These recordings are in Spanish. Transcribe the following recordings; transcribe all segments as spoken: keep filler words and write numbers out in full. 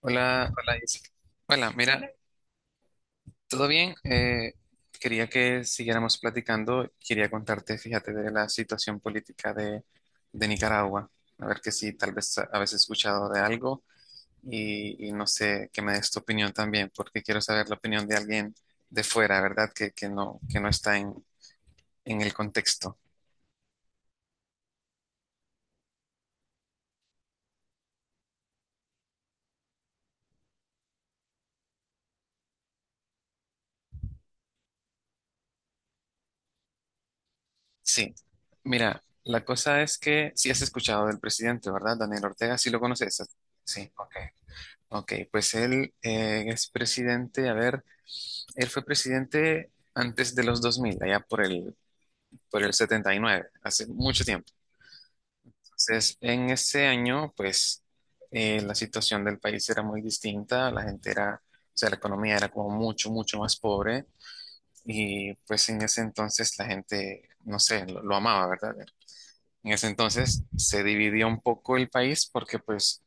Hola, hola, Jessica. Hola, mira, ¿todo bien? Eh, quería que siguiéramos platicando. Quería contarte, fíjate, de la situación política de, de Nicaragua. A ver que si tal vez habéis escuchado de algo y, y no sé, que me des tu opinión también, porque quiero saber la opinión de alguien de fuera, ¿verdad? Que, que no, que no está en, en el contexto. Sí, mira, la cosa es que sí has escuchado del presidente, ¿verdad? Daniel Ortega, sí lo conoces. Sí, ok. Ok, pues él eh, es presidente, a ver, él fue presidente antes de los dos mil, allá por el, por el setenta y nueve, hace mucho tiempo. Entonces, en ese año, pues, eh, la situación del país era muy distinta, la gente era, o sea, la economía era como mucho, mucho más pobre y pues en ese entonces la gente, no sé, lo, lo amaba, ¿verdad? En ese entonces se dividió un poco el país porque pues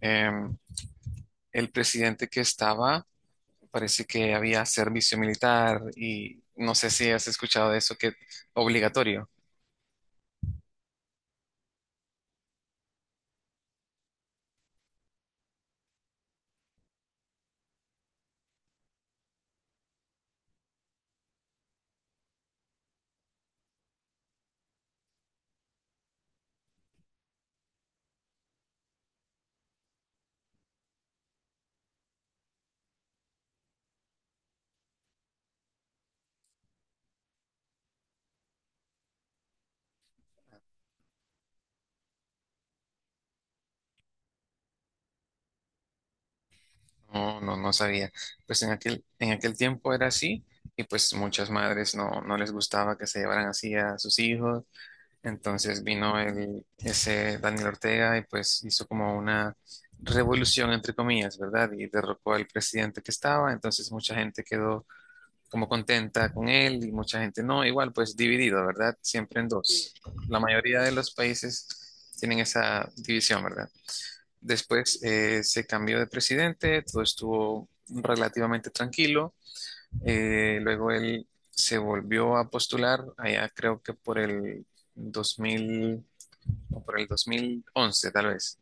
em, el presidente que estaba parece que había servicio militar y no sé si has escuchado de eso, que obligatorio. No, no, no sabía. Pues en aquel, en aquel tiempo era así y pues muchas madres no, no les gustaba que se llevaran así a sus hijos. Entonces vino el, ese Daniel Ortega y pues hizo como una revolución entre comillas, ¿verdad? Y derrocó al presidente que estaba. Entonces mucha gente quedó como contenta con él y mucha gente no, igual pues dividido, ¿verdad? Siempre en dos. La mayoría de los países tienen esa división, ¿verdad? Después eh, se cambió de presidente, todo estuvo relativamente tranquilo, eh, luego él se volvió a postular allá creo que por el dos mil o por el dos mil once tal vez.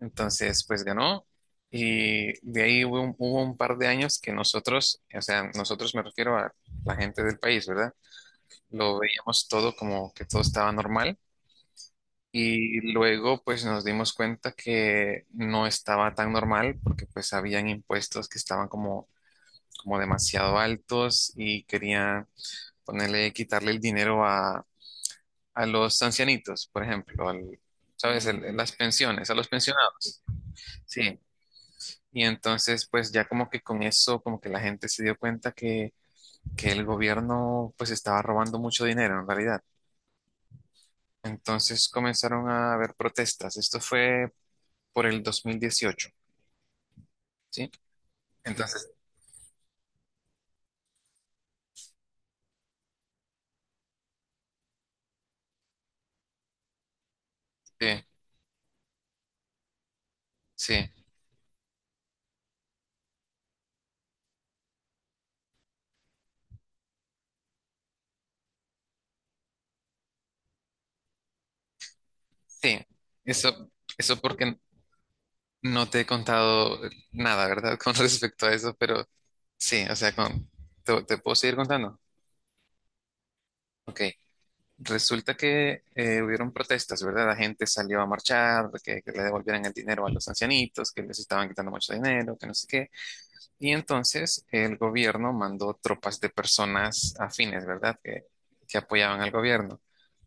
Entonces, pues ganó y de ahí hubo un, hubo un par de años que nosotros, o sea, nosotros me refiero a la gente del país, ¿verdad? Lo veíamos todo como que todo estaba normal y luego pues nos dimos cuenta que no estaba tan normal porque pues habían impuestos que estaban como, como demasiado altos y querían ponerle, quitarle el dinero a, a los ancianitos, por ejemplo, al, ¿sabes? El- las pensiones, a los pensionados. Sí. Y entonces, pues ya como que con eso, como que la gente se dio cuenta que, que el gobierno pues estaba robando mucho dinero en realidad. Entonces comenzaron a haber protestas. Esto fue por el dos mil dieciocho, ¿sí? Entonces, sí, sí, sí. Eso, eso porque no te he contado nada, ¿verdad? Con respecto a eso, pero sí, o sea, con, te, te puedo seguir contando. Ok. Resulta que eh, hubieron protestas, ¿verdad? La gente salió a marchar, que, que le devolvieran el dinero a los ancianitos, que les estaban quitando mucho dinero, que no sé qué. Y entonces el gobierno mandó tropas de personas afines, ¿verdad? Que, que apoyaban al gobierno,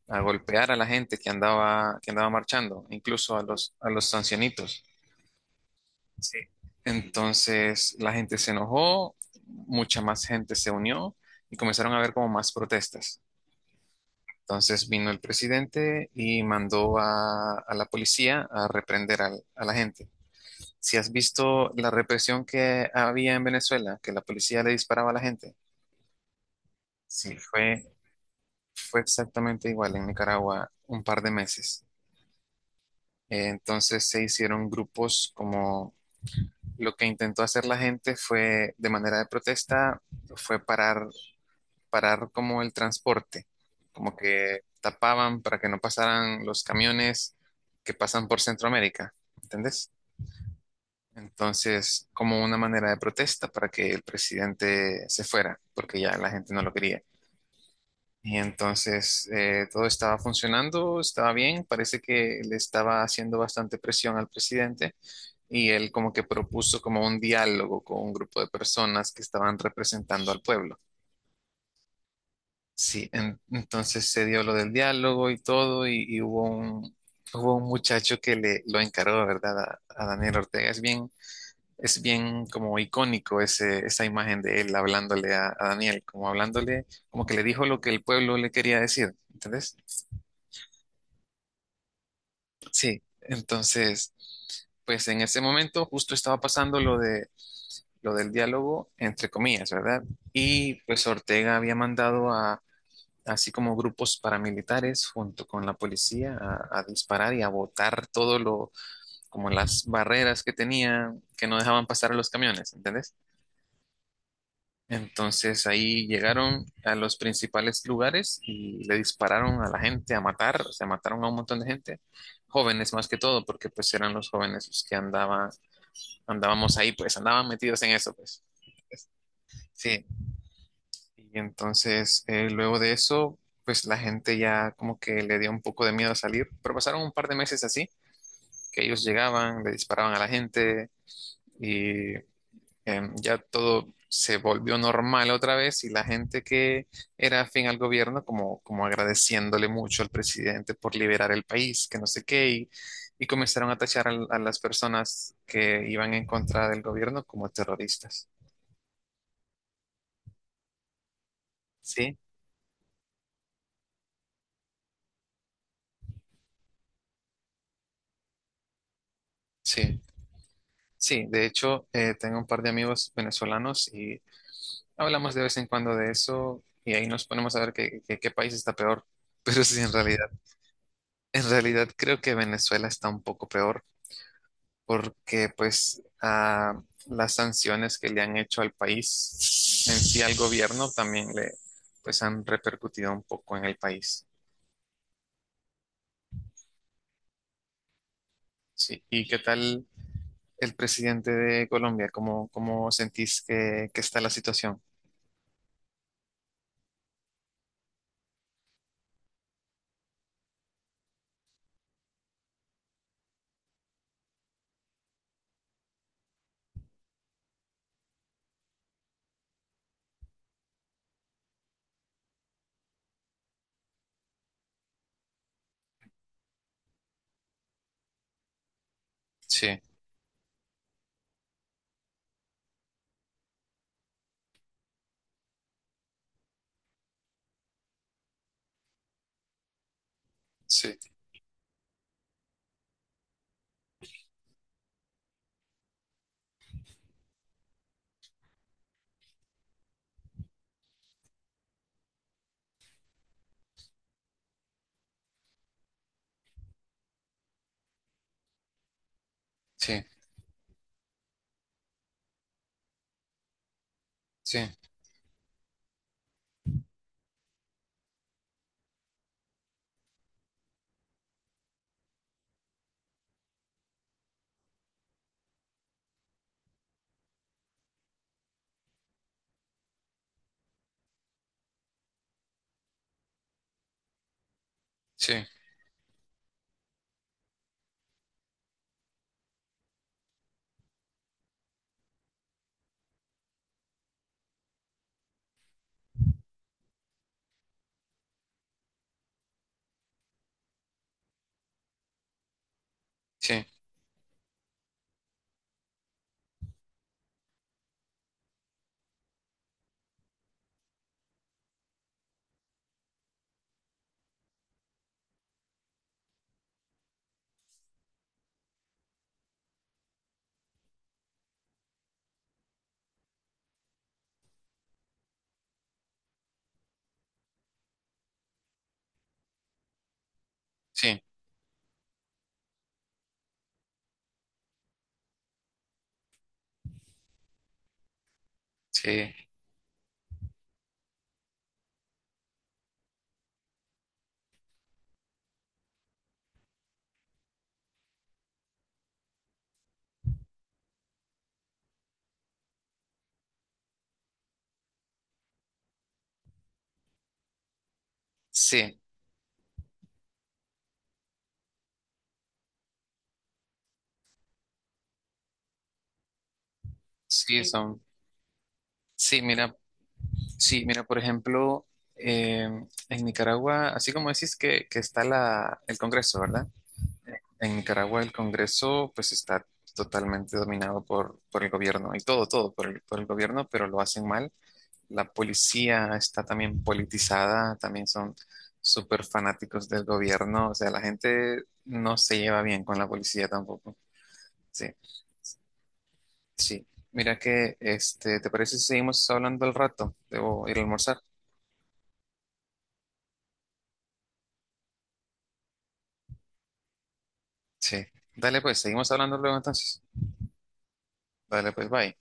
a golpear a la gente que andaba, que andaba marchando, incluso a los, a los ancianitos. Sí. Entonces la gente se enojó, mucha más gente se unió y comenzaron a haber como más protestas. Entonces vino el presidente y mandó a, a la policía a reprender al- a la gente. Si has visto la represión que había en Venezuela, que la policía le disparaba a la gente, Sí. fue, fue exactamente igual en Nicaragua un par de meses. Eh, entonces se hicieron grupos como lo que intentó hacer la gente fue de manera de protesta, fue parar parar como el transporte, como que tapaban para que no pasaran los camiones que pasan por Centroamérica, ¿entendés? Entonces, como una manera de protesta para que el presidente se fuera, porque ya la gente no lo quería. Y entonces eh, todo estaba funcionando, estaba bien, parece que le estaba haciendo bastante presión al presidente y él como que propuso como un diálogo con un grupo de personas que estaban representando al pueblo. Sí, en- entonces se dio lo del diálogo y todo, y, y hubo un, hubo un muchacho que le lo encargó, ¿verdad? A, a Daniel Ortega. Es bien, es bien como icónico ese, esa imagen de él hablándole a, a Daniel, como hablándole, como que le dijo lo que el pueblo le quería decir, ¿entendés? Sí, entonces, pues en ese momento justo estaba pasando lo de, lo del diálogo, entre comillas, ¿verdad? Y pues Ortega había mandado así como grupos paramilitares junto con la policía a, a disparar y a botar todo lo, como las barreras que tenía que no dejaban pasar a los camiones, ¿entendés? Entonces ahí llegaron a los principales lugares y le dispararon a la gente a matar, o sea, mataron a un montón de gente, jóvenes más que todo, porque pues eran los jóvenes los que andaban, andábamos ahí, pues andaban metidos en eso, pues. Este, Sí, y entonces, eh, luego de eso, pues la gente ya como que le dio un poco de miedo a salir, pero pasaron un par de meses así, que ellos llegaban, le disparaban a la gente y em, ya todo se volvió normal otra vez y la gente que era afín al gobierno como, como agradeciéndole mucho al presidente por liberar el país, que no sé qué, y, y comenzaron a tachar al- a, las personas que iban en contra del gobierno como terroristas. Sí, sí. Sí, de hecho, eh, tengo un par de amigos venezolanos y hablamos de vez en cuando de eso y ahí nos ponemos a ver qué, qué- qué país está peor. Pero sí, en realidad, en realidad creo que Venezuela está un poco peor porque pues ah, las sanciones que le han hecho al país en sí al gobierno también le pues han repercutido un poco en el país. Sí. ¿Y qué tal el presidente de Colombia? ¿Cómo, cómo sentís que, que está la situación? Sí, sí, sí, sí. Sí, sí, sí, sí, sí, sí, son, sí, mira, sí, mira, por ejemplo, eh, en Nicaragua, así como decís que, que está la, el Congreso, ¿verdad? En Nicaragua el Congreso pues está totalmente dominado por, por el gobierno y todo, todo por el, por el gobierno, pero lo hacen mal. La policía está también politizada, también son súper fanáticos del gobierno, o sea, la gente no se lleva bien con la policía tampoco, sí. Sí, mira que, este, ¿te parece si seguimos hablando al rato? Debo ir a almorzar. Sí. Dale pues, seguimos hablando luego entonces. Dale pues, bye.